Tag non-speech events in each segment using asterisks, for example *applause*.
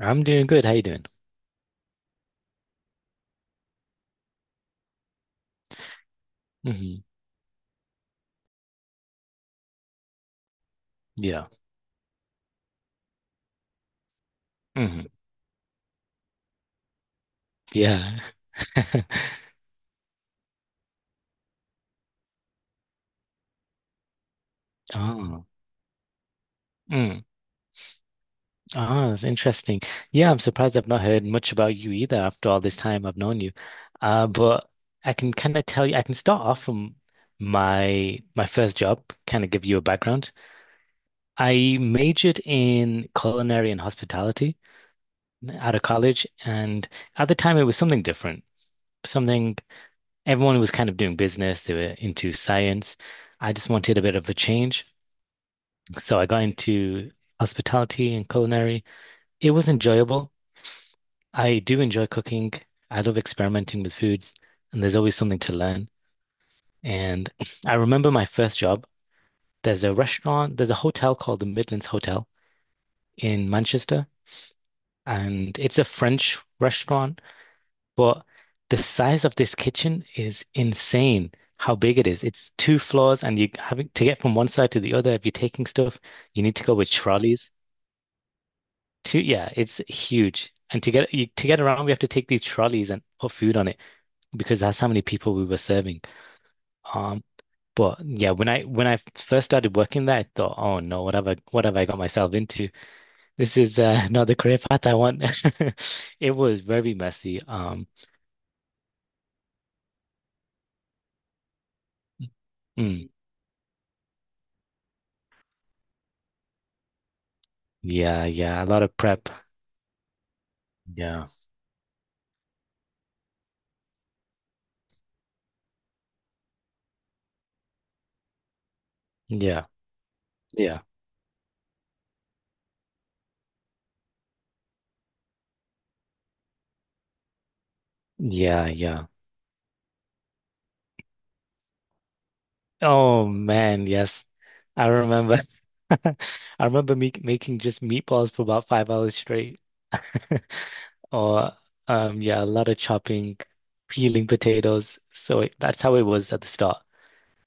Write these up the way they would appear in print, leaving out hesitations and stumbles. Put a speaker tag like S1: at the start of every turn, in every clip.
S1: I'm doing good. How you doing? Hmm. Yeah. Hmm. Yeah. *laughs* Oh. Mm. Oh, that's interesting. Yeah, I'm surprised I've not heard much about you either after all this time I've known you. But I can kind of tell you, I can start off from my first job, kind of give you a background. I majored in culinary and hospitality out of college, and at the time it was something different. Something everyone was kind of doing business, they were into science. I just wanted a bit of a change. So I got into hospitality and culinary. It was enjoyable. I do enjoy cooking. I love experimenting with foods, and there's always something to learn. And *sniffs* I remember my first job. There's a restaurant, there's a hotel called the Midlands Hotel in Manchester, and it's a French restaurant, but the size of this kitchen is insane. How big it is. It's two floors, and you having to get from one side to the other. If you're taking stuff, you need to go with trolleys. Two, yeah, it's huge. And to get you, to get around, we have to take these trolleys and put food on it because that's how many people we were serving. Um, but yeah, when I first started working there, I thought, oh no, what have I got myself into? This is *laughs* not the career path I want. *laughs* It was very messy. Mm, yeah, yeah, a lot of prep. Yeah, yeah, yeah, yeah, yeah. Oh man, yes. I remember *laughs* I remember me making just meatballs for about 5 hours straight. *laughs* Or yeah, a lot of chopping, peeling potatoes. So it, that's how it was at the start.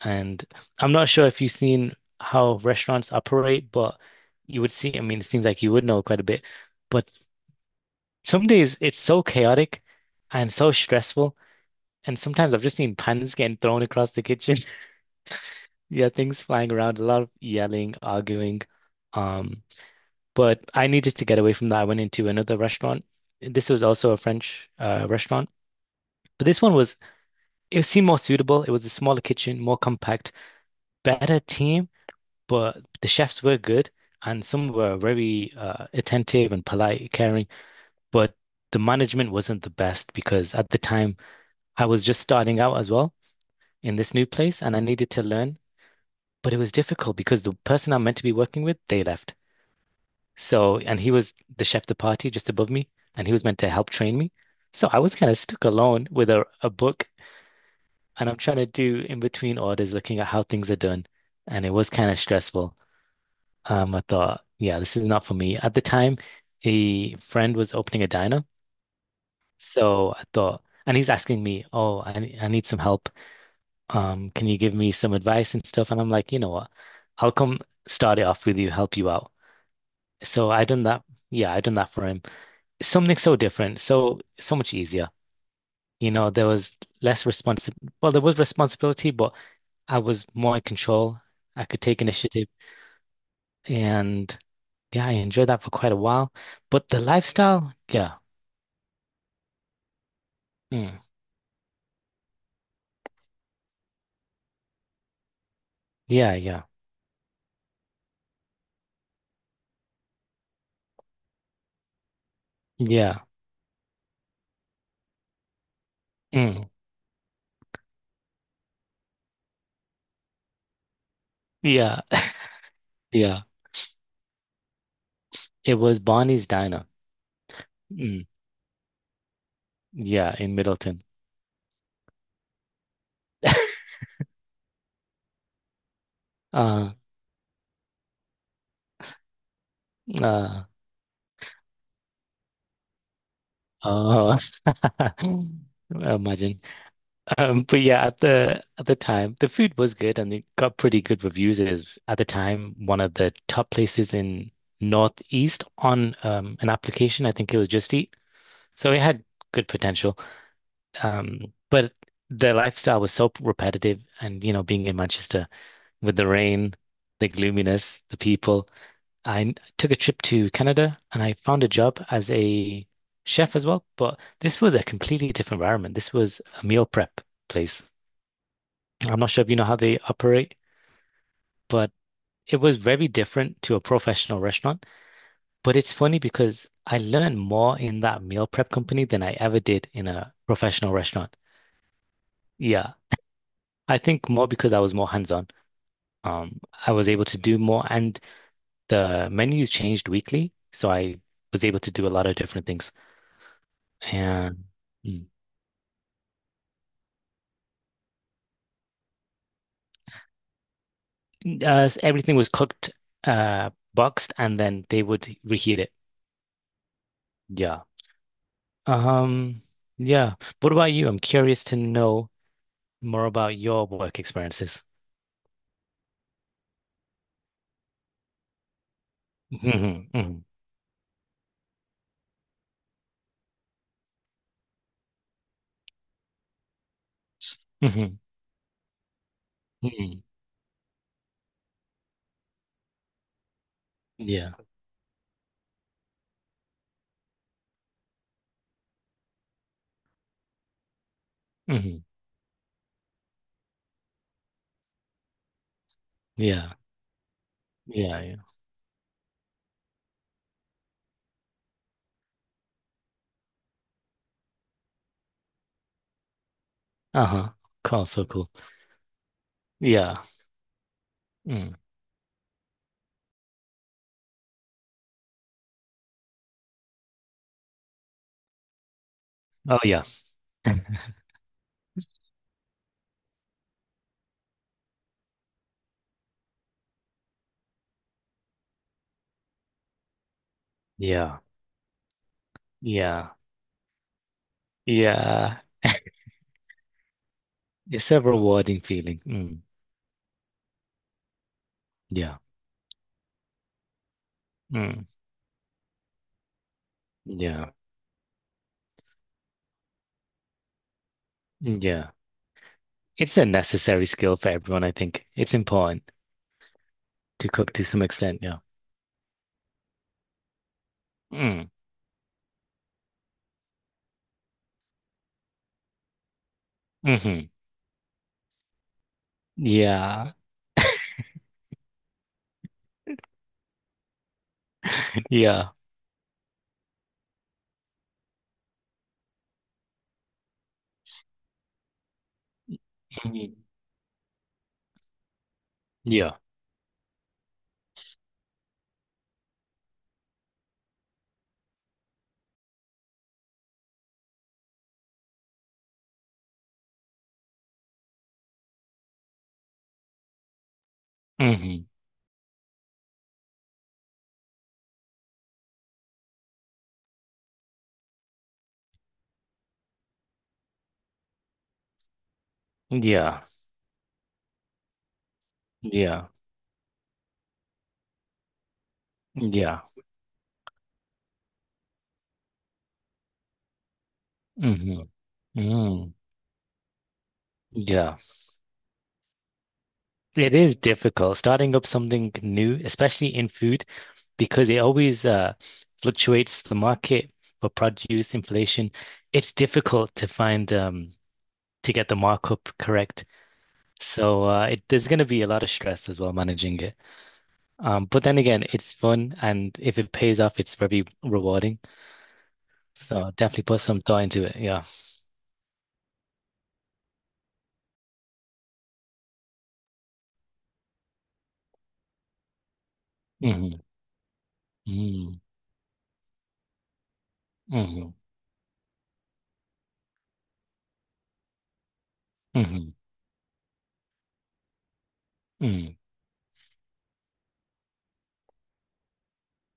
S1: And I'm not sure if you've seen how restaurants operate, but you would see, I mean, it seems like you would know quite a bit. But some days it's so chaotic and so stressful. And sometimes I've just seen pans getting thrown across the kitchen. Yeah, things flying around, a lot of yelling, arguing. Um, but I needed to get away from that. I went into another restaurant. This was also a French restaurant, but it seemed more suitable. It was a smaller kitchen, more compact, better team, but the chefs were good and some were very attentive and polite, caring, but the management wasn't the best because at the time I was just starting out as well in this new place and I needed to learn, but it was difficult because the person I'm meant to be working with, they left. So, and he was the chef de partie just above me, and he was meant to help train me. So I was kind of stuck alone with a book, and I'm trying to do in between orders, looking at how things are done. And it was kind of stressful. I thought, yeah, this is not for me. At the time, a friend was opening a diner. So I thought, and he's asking me, oh, I need some help. Can you give me some advice and stuff? And I'm like, you know what? I'll come start it off with you, help you out. So I done that. Yeah, I done that for him. Something so different, so much easier. You know, there was less responsi well, there was responsibility, but I was more in control. I could take initiative and yeah, I enjoyed that for quite a while. But the lifestyle, yeah. Mm, yeah, yeah. Yeah. Mm, yeah. *laughs* Yeah. It was Barney's Diner. Mm, yeah, in Middleton. Uh. Uh. Oh. *laughs* Imagine. But yeah, at the time, the food was good and it got pretty good reviews. It is at the time one of the top places in Northeast on an application. I think it was Just Eat, so it had good potential. But the lifestyle was so repetitive, and you know, being in Manchester with the rain, the gloominess, the people. Took a trip to Canada and I found a job as a chef as well. But this was a completely different environment. This was a meal prep place. I'm not sure if you know how they operate, but it was very different to a professional restaurant. But it's funny because I learned more in that meal prep company than I ever did in a professional restaurant. Yeah, I think more because I was more hands-on. Um, I was able to do more, and the menus changed weekly, so I was able to do a lot of different things. And mm, everything was cooked, boxed, and then they would reheat it. Yeah. Um, yeah. What about you? I'm curious to know more about your work experiences. Hmm. Hmm. Hmm. Hmm. Yeah. Hmm. Yeah. Yeah. Yeah. Uh-huh. Cool. So cool. Yeah. Mm. Oh, yeah. *laughs* Yeah. Yeah. Yeah. It's a rewarding feeling. Mm. Yeah. Mm. Yeah. Yeah. It's a necessary skill for everyone, I think. It's important to cook to some extent. Yeah. Mm. Hmm. Yeah. *laughs* Yeah. Mm-hmm. Yeah. Hmm. Yeah. Yeah. Yeah. Hmm. Mm. Yeah. It is difficult starting up something new, especially in food, because it always fluctuates the market for produce, inflation. It's difficult to find to get the markup correct. So there's going to be a lot of stress as well managing it. But then again, it's fun, and if it pays off, it's very rewarding. So definitely put some thought into it. Yeah. Hmm. Mm-hmm. Mm-hmm. Mhm. Mm.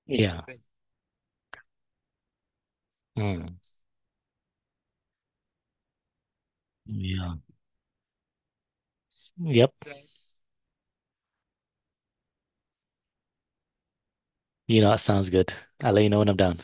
S1: Yeah. Mm. Yeah. Yep. You know, it sounds good. I'll let you know when I'm done.